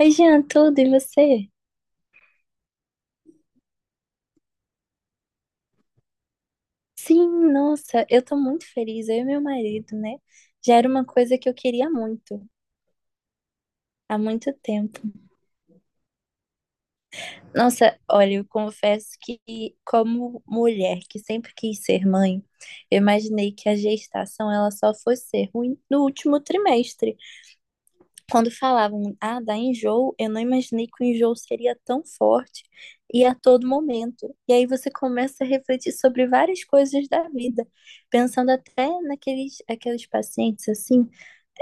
Oi, Jean, tudo e você? Sim, nossa, eu tô muito feliz, eu e meu marido, né? Já era uma coisa que eu queria muito, há muito tempo. Nossa, olha, eu confesso que, como mulher que sempre quis ser mãe, eu imaginei que a gestação ela só fosse ser ruim no último trimestre. Quando falavam, ah, dá enjoo, eu não imaginei que o enjoo seria tão forte e a todo momento. E aí você começa a refletir sobre várias coisas da vida, pensando até naqueles aqueles pacientes assim,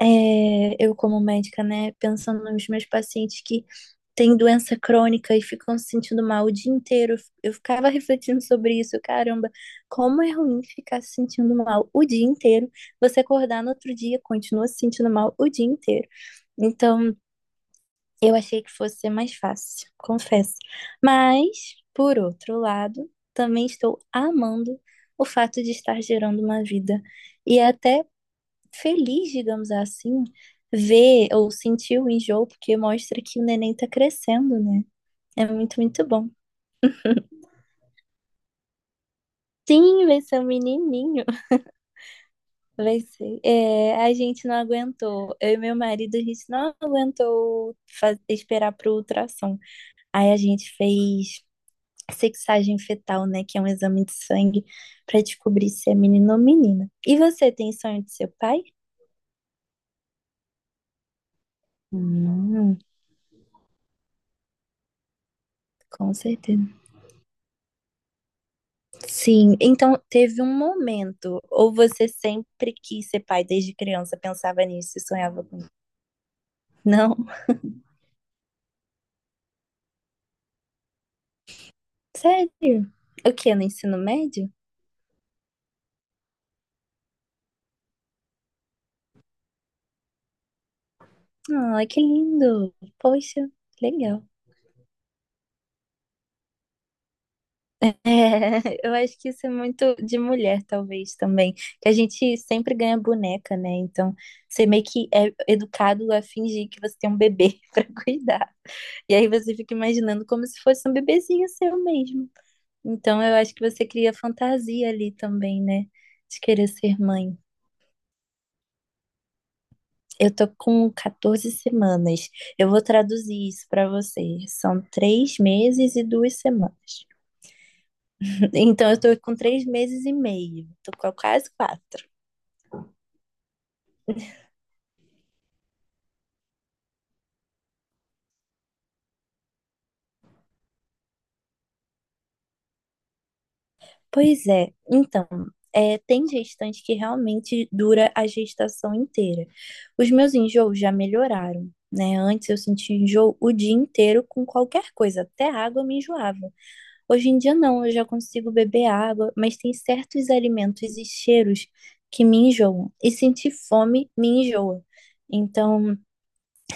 eu como médica, né, pensando nos meus pacientes que têm doença crônica e ficam se sentindo mal o dia inteiro, eu ficava refletindo sobre isso, caramba, como é ruim ficar se sentindo mal o dia inteiro, você acordar no outro dia, continua se sentindo mal o dia inteiro. Então, eu achei que fosse ser mais fácil, confesso. Mas, por outro lado, também estou amando o fato de estar gerando uma vida. E é até feliz, digamos assim, ver ou sentir o enjoo, porque mostra que o neném tá crescendo, né? É muito, muito bom. Sim, vai ser um menininho. Vai ser. É, a gente não aguentou. Eu e meu marido, a gente não aguentou esperar pro ultrassom. Aí a gente fez sexagem fetal, né? Que é um exame de sangue para descobrir se é menino ou menina. E você tem sonho de seu pai? Hum, com certeza. Sim, então teve um momento, ou você sempre quis ser pai desde criança, pensava nisso e sonhava com isso? Não, sério? O quê? No ensino médio? Ai, que lindo! Poxa, legal. É, eu acho que isso é muito de mulher, talvez, também. Que a gente sempre ganha boneca, né? Então, você meio que é educado a fingir que você tem um bebê pra cuidar. E aí você fica imaginando como se fosse um bebezinho seu mesmo. Então, eu acho que você cria fantasia ali também, né? De querer ser mãe. Eu tô com 14 semanas. Eu vou traduzir isso pra você. São 3 meses e 2 semanas. Então, eu tô com 3 meses e meio. Tô com quase quatro. Pois é. Então, tem gestante que realmente dura a gestação inteira. Os meus enjoos já melhoraram. Né? Antes eu sentia enjoo o dia inteiro com qualquer coisa, até água eu me enjoava. Hoje em dia não, eu já consigo beber água, mas tem certos alimentos e cheiros que me enjoam. E sentir fome me enjoa. Então,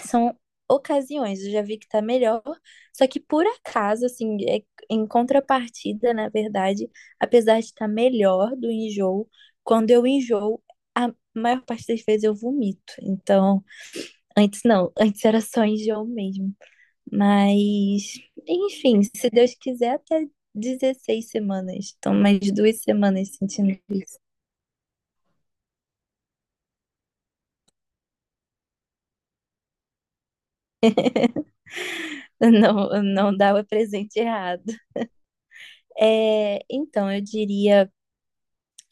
são ocasiões, eu já vi que tá melhor, só que por acaso, assim, em contrapartida, na verdade, apesar de estar melhor do enjoo, quando eu enjoo, a maior parte das vezes eu vomito. Então, antes não, antes era só enjoo mesmo. Mas, enfim, se Deus quiser, até 16 semanas. Então, mais 2 semanas sentindo isso. Não, não dá o presente errado. É, então, eu diria,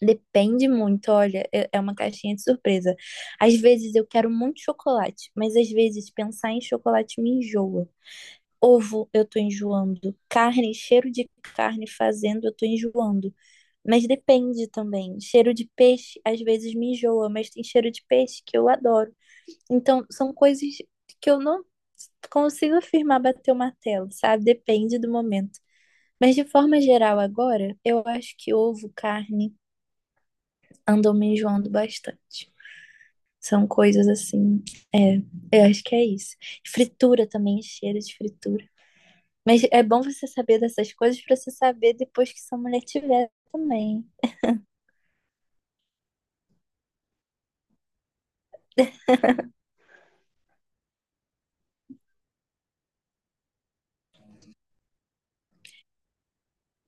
depende muito. Olha, é uma caixinha de surpresa. Às vezes eu quero muito chocolate, mas às vezes pensar em chocolate me enjoa. Ovo, eu tô enjoando. Carne, cheiro de carne fazendo, eu tô enjoando. Mas depende também. Cheiro de peixe, às vezes me enjoa, mas tem cheiro de peixe que eu adoro. Então, são coisas que eu não consigo afirmar bater o martelo, sabe? Depende do momento. Mas de forma geral, agora, eu acho que ovo, carne, andam me enjoando bastante. São coisas assim, é, eu acho que é isso. Fritura também, cheiro de fritura. Mas é bom você saber dessas coisas pra você saber depois que sua mulher tiver também.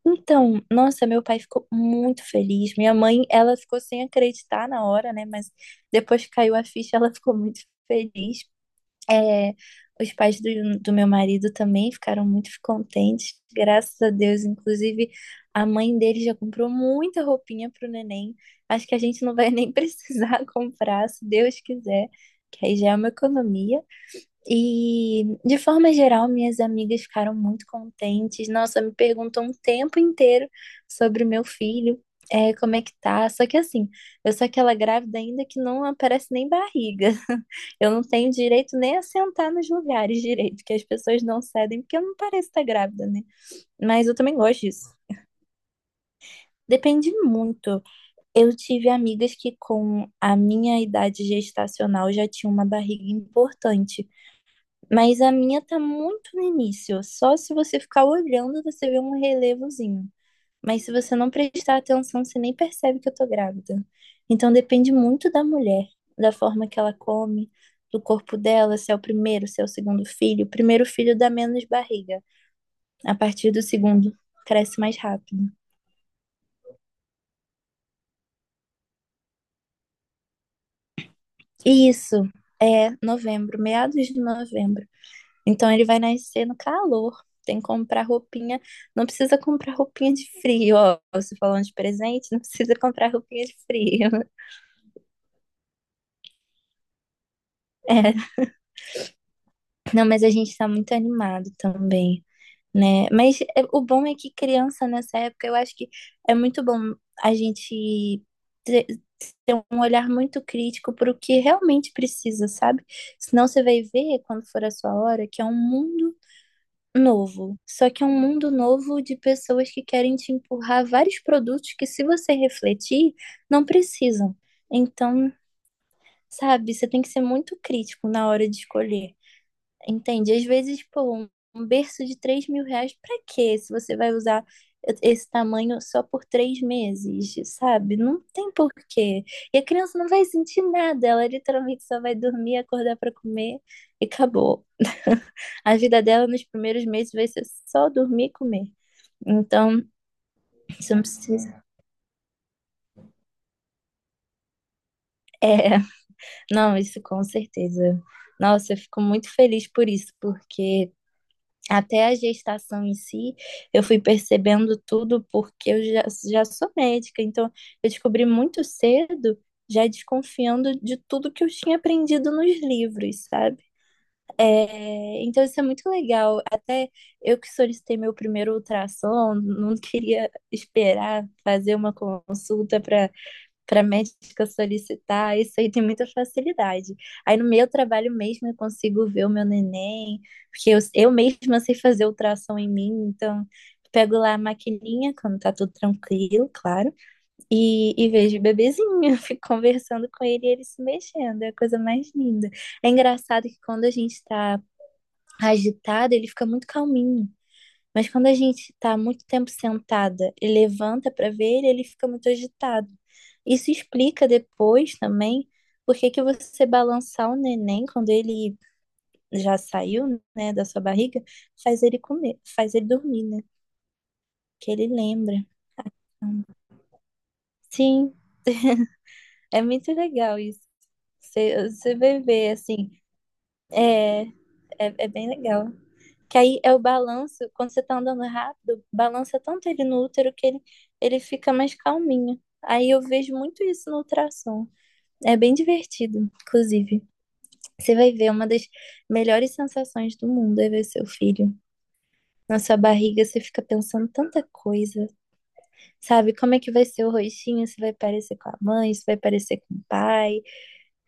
Então, nossa, meu pai ficou muito feliz. Minha mãe, ela ficou sem acreditar na hora, né? Mas depois que caiu a ficha, ela ficou muito feliz. É, os pais do meu marido também ficaram muito contentes, graças a Deus. Inclusive, a mãe dele já comprou muita roupinha pro neném. Acho que a gente não vai nem precisar comprar, se Deus quiser, que aí já é uma economia. E, de forma geral, minhas amigas ficaram muito contentes. Nossa, me perguntam o tempo inteiro sobre o meu filho, como é que tá. Só que, assim, eu sou aquela grávida ainda que não aparece nem barriga. Eu não tenho direito nem a sentar nos lugares direito, que as pessoas não cedem, porque eu não pareço estar grávida, né? Mas eu também gosto disso. Depende muito. Eu tive amigas que, com a minha idade gestacional, já tinham uma barriga importante. Mas a minha tá muito no início. Só se você ficar olhando, você vê um relevozinho. Mas se você não prestar atenção, você nem percebe que eu tô grávida. Então depende muito da mulher, da forma que ela come, do corpo dela, se é o primeiro, se é o segundo filho. O primeiro filho dá menos barriga. A partir do segundo, cresce mais rápido. E isso é novembro, meados de novembro. Então ele vai nascer no calor. Tem que comprar roupinha. Não precisa comprar roupinha de frio, ó. Você falando de presente, não precisa comprar roupinha de frio. É. Não, mas a gente tá muito animado também, né? Mas é, o bom é que criança nessa época, eu acho que é muito bom a gente ter ter um olhar muito crítico para o que realmente precisa, sabe? Senão você vai ver, quando for a sua hora, que é um mundo novo, só que é um mundo novo de pessoas que querem te empurrar vários produtos que, se você refletir, não precisam. Então, sabe, você tem que ser muito crítico na hora de escolher. Entende? Às vezes, pô, um berço de R$ 3.000, pra quê? Se você vai usar esse tamanho só por 3 meses, sabe? Não tem porquê. E a criança não vai sentir nada, ela literalmente só vai dormir, acordar pra comer e acabou. A vida dela nos primeiros meses vai ser só dormir e comer. Então, isso não precisa. É, não, isso com certeza. Nossa, eu fico muito feliz por isso, porque até a gestação em si, eu fui percebendo tudo porque eu já sou médica, então eu descobri muito cedo, já desconfiando de tudo que eu tinha aprendido nos livros, sabe? É, então isso é muito legal. Até eu que solicitei meu primeiro ultrassom, não queria esperar fazer uma consulta para médica solicitar, isso aí tem muita facilidade. Aí no meu trabalho mesmo eu consigo ver o meu neném, porque eu mesma sei fazer ultrassom em mim, então pego lá a maquininha, quando tá tudo tranquilo, claro, e vejo o bebezinho, fico conversando com ele e ele se mexendo, é a coisa mais linda. É engraçado que quando a gente tá agitado, ele fica muito calminho. Mas quando a gente está muito tempo sentada e levanta para ver ele, ele fica muito agitado. Isso explica depois também por que que você balançar o neném quando ele já saiu, né, da sua barriga, faz ele comer, faz ele dormir, né? Que ele lembra. Então, sim, é muito legal isso. Você vai ver, assim, é, é, é bem legal. Que aí é o balanço, quando você tá andando rápido, balança tanto ele no útero que ele fica mais calminho. Aí eu vejo muito isso no ultrassom. É bem divertido, inclusive. Você vai ver uma das melhores sensações do mundo é ver seu filho. Na sua barriga você fica pensando tanta coisa, sabe? Como é que vai ser o rostinho? Se vai parecer com a mãe, se vai parecer com o pai,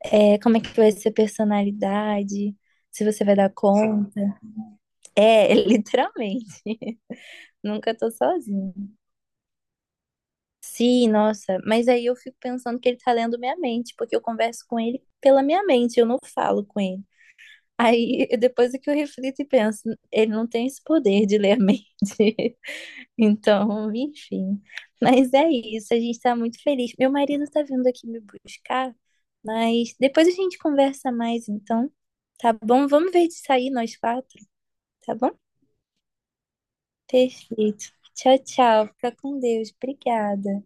como é que vai ser a personalidade, se você vai dar conta. É, literalmente. Nunca tô sozinha. Sim, nossa, mas aí eu fico pensando que ele tá lendo minha mente, porque eu converso com ele pela minha mente, eu não falo com ele. Aí depois é que eu reflito e penso, ele não tem esse poder de ler a mente. Então, enfim. Mas é isso, a gente tá muito feliz. Meu marido tá vindo aqui me buscar, mas depois a gente conversa mais, então, tá bom? Vamos ver de sair nós quatro, tá bom? Perfeito. Tchau, tchau. Fica com Deus. Obrigada.